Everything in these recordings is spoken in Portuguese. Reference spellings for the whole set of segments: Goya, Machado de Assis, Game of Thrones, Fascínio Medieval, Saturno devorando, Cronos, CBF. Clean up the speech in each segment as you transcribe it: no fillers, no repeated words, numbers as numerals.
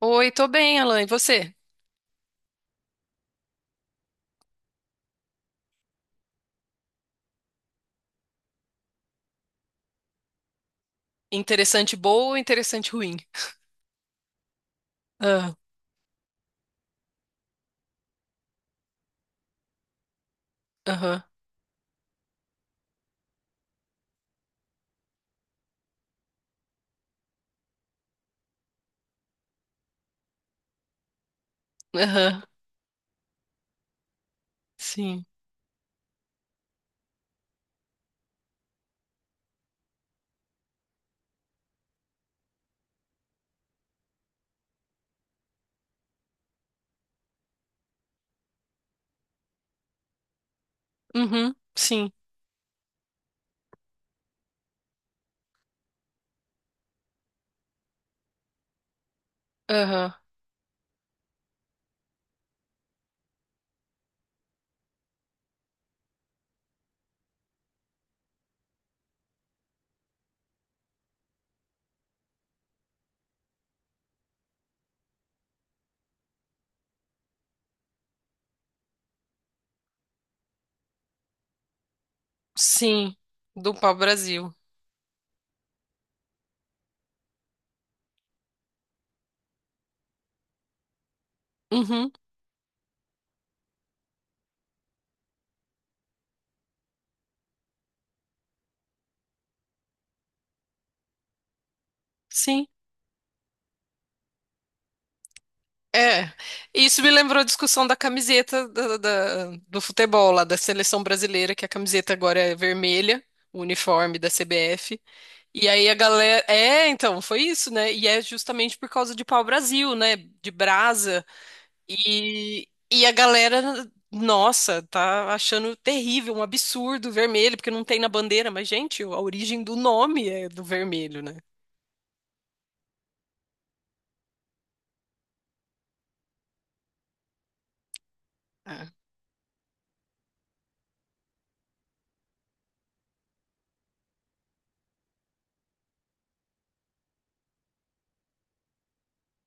Oi, tô bem, Alan. E você? Interessante boa ou interessante ruim? Ah, aham, aham, sim. Uhum, sim. Aham, sim. Do pau-brasil. Uhum, sim. É. Isso me lembrou a discussão da camiseta do futebol lá, da seleção brasileira, que a camiseta agora é vermelha, o uniforme da CBF. E aí a galera. É, então, foi isso, né? E é justamente por causa de pau-brasil, né? De brasa. E a galera, nossa, tá achando terrível, um absurdo vermelho, porque não tem na bandeira, mas, gente, a origem do nome é do vermelho, né? É.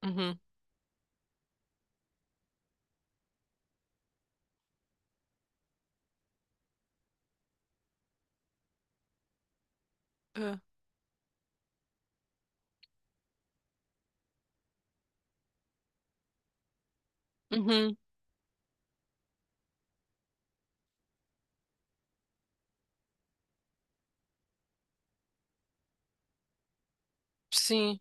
Uhum. É. Uhum. Sim.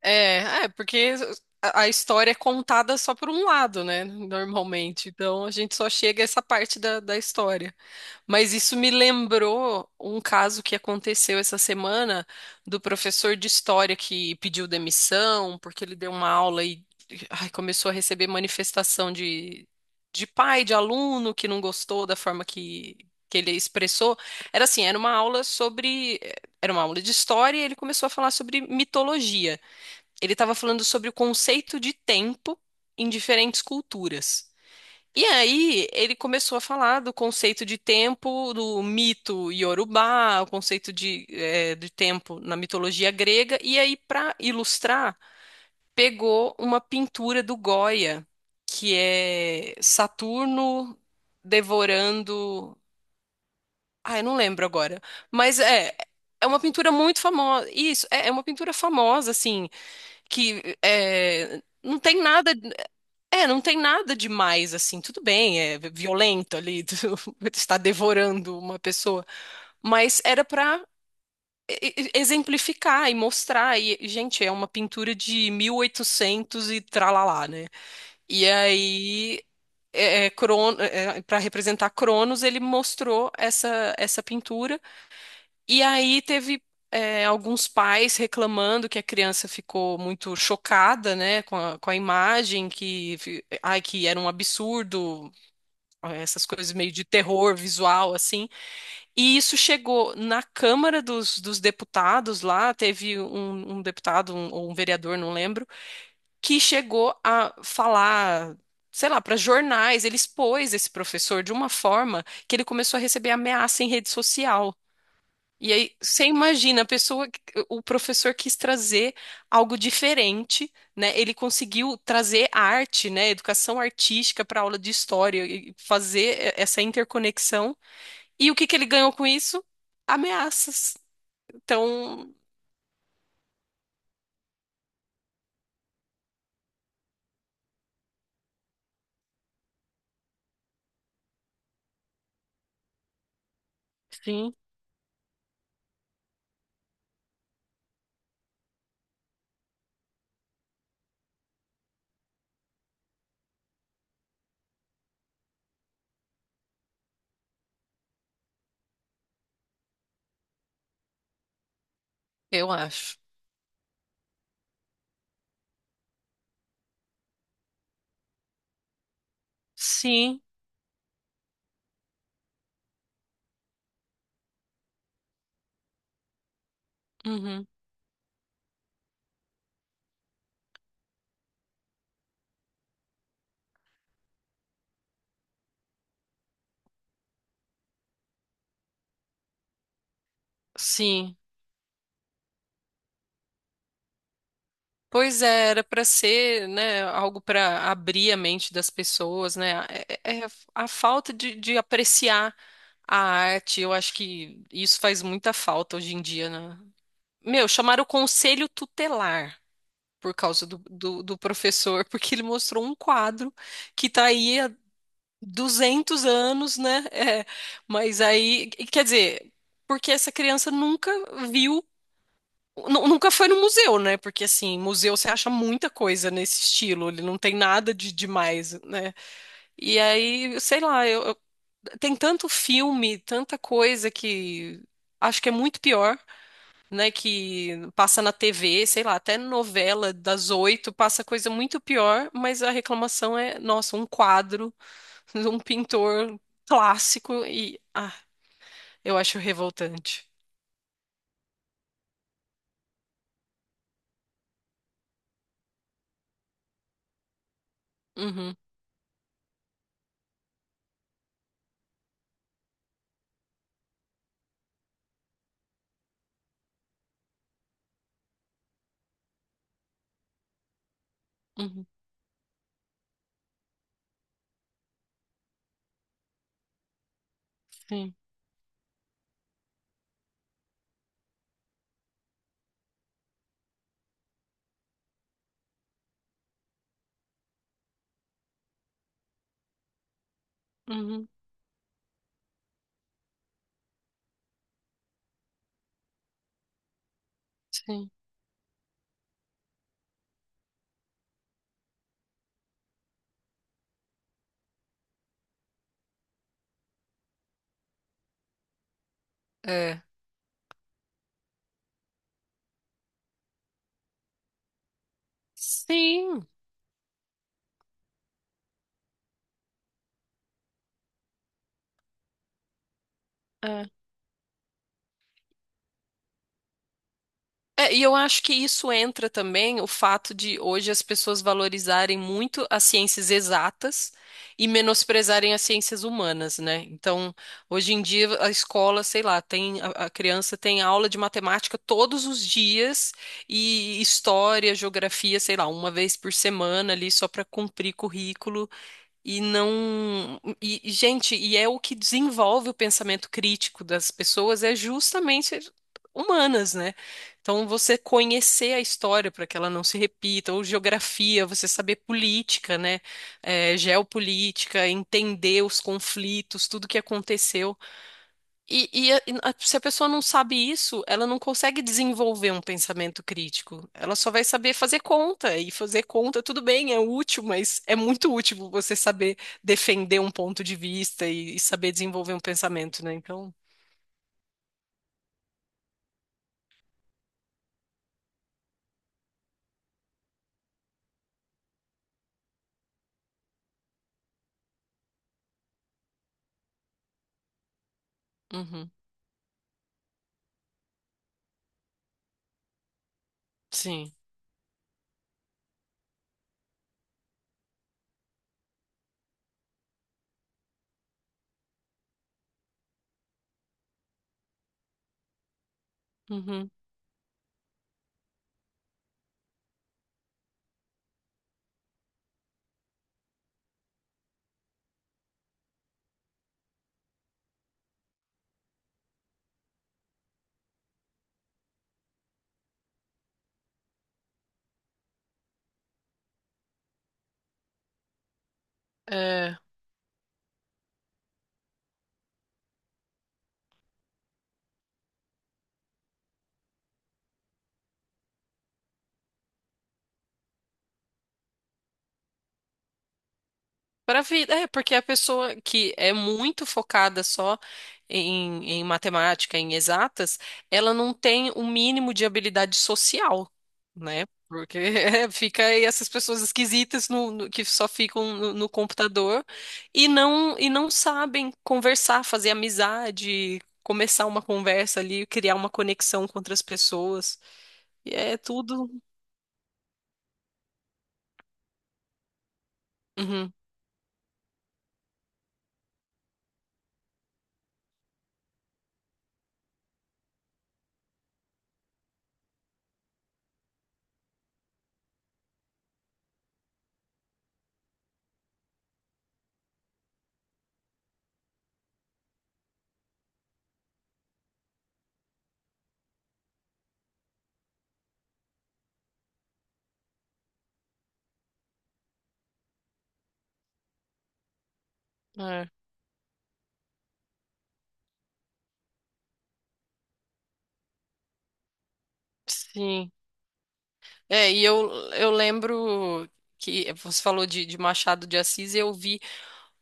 Porque a história é contada só por um lado, né? Normalmente. Então a gente só chega a essa parte da história. Mas isso me lembrou um caso que aconteceu essa semana do professor de história que pediu demissão porque ele deu uma aula e ai, começou a receber manifestação de pai, de aluno que não gostou da forma que ele expressou. Era assim, era uma aula sobre. Era uma aula de história e ele começou a falar sobre mitologia. Ele estava falando sobre o conceito de tempo em diferentes culturas. E aí ele começou a falar do conceito de tempo do mito Yorubá, o conceito de, de tempo na mitologia grega. E aí, para ilustrar, pegou uma pintura do Goya, que é Saturno devorando. Ah, eu não lembro agora. Mas é, é uma pintura muito famosa. Isso, é uma pintura famosa, assim, não tem nada, é, não tem nada demais assim. Tudo bem, é violento ali, tu está devorando uma pessoa, mas era para exemplificar e mostrar. E, gente, é uma pintura de mil e oitocentos e tralalá, né? E aí para representar Cronos, ele mostrou essa pintura e aí teve é, alguns pais reclamando que a criança ficou muito chocada, né, com a imagem, que, ai, que era um absurdo, essas coisas meio de terror visual, assim. E isso chegou na Câmara dos Deputados lá, teve um, um deputado ou um vereador, não lembro, que chegou a falar. Sei lá, para jornais, ele expôs esse professor de uma forma que ele começou a receber ameaça em rede social. E aí, você imagina, a pessoa, o professor quis trazer algo diferente, né? Ele conseguiu trazer arte, né? Educação artística para aula de história e fazer essa interconexão. E o que que ele ganhou com isso? Ameaças. Então, sim, eu acho. Sim, uhum, sim. Pois é, era para ser, né, algo para abrir a mente das pessoas, né? É a falta de apreciar a arte, eu acho que isso faz muita falta hoje em dia, né? Meu, chamaram o conselho tutelar por causa do professor, porque ele mostrou um quadro que tá aí há 200 anos, né? É, mas aí, quer dizer, porque essa criança nunca viu. Nunca foi no museu, né? Porque assim, museu você acha muita coisa nesse estilo, ele não tem nada de demais, né? E aí, sei lá, tem tanto filme, tanta coisa que acho que é muito pior, né? Que passa na TV, sei lá, até novela das oito passa coisa muito pior, mas a reclamação é, nossa, um quadro, um pintor clássico e ah, eu acho revoltante. Uhum, uhum, sim, uhum, sim. É. Sim. É. É, e eu acho que isso entra também o fato de hoje as pessoas valorizarem muito as ciências exatas e menosprezarem as ciências humanas, né? Então, hoje em dia a escola, sei lá, tem a criança tem aula de matemática todos os dias e história, geografia, sei lá, uma vez por semana ali só para cumprir currículo. E não. Gente, é o que desenvolve o pensamento crítico das pessoas, é justamente humanas, né? Então, você conhecer a história para que ela não se repita, ou geografia, você saber política, né? É, geopolítica, entender os conflitos, tudo que aconteceu. Se a pessoa não sabe isso, ela não consegue desenvolver um pensamento crítico. Ela só vai saber fazer conta. E fazer conta, tudo bem, é útil, mas é muito útil você saber defender um ponto de vista e saber desenvolver um pensamento, né? Então, uhum, sim. Uhum. É, para a vida, é, porque a pessoa que é muito focada só em matemática, em exatas, ela não tem o mínimo de habilidade social, né? Porque é, fica aí essas pessoas esquisitas que só ficam no computador e não sabem conversar, fazer amizade, começar uma conversa ali, criar uma conexão com outras pessoas. E é tudo. Uhum, é. Sim. É, e eu lembro que você falou de Machado de Assis, e eu vi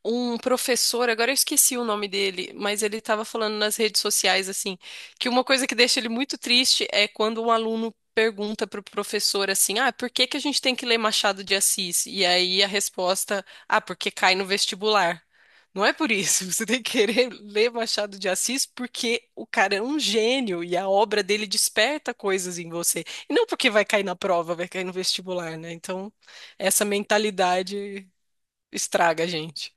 um professor, agora eu esqueci o nome dele, mas ele estava falando nas redes sociais assim, que uma coisa que deixa ele muito triste é quando um aluno pergunta para o professor assim: "Ah, por que que a gente tem que ler Machado de Assis?" E aí a resposta: "Ah, porque cai no vestibular." Não é por isso, você tem que querer ler Machado de Assis porque o cara é um gênio e a obra dele desperta coisas em você. E não porque vai cair na prova, vai cair no vestibular, né? Então, essa mentalidade estraga a gente.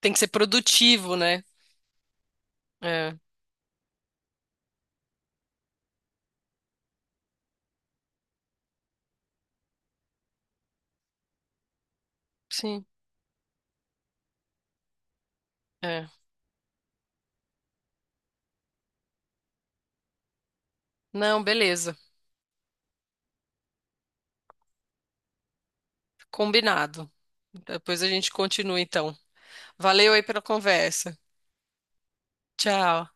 Tem que ser produtivo, né? É, sim, é. Não, beleza. Combinado. Depois a gente continua, então. Valeu aí pela conversa. Tchau.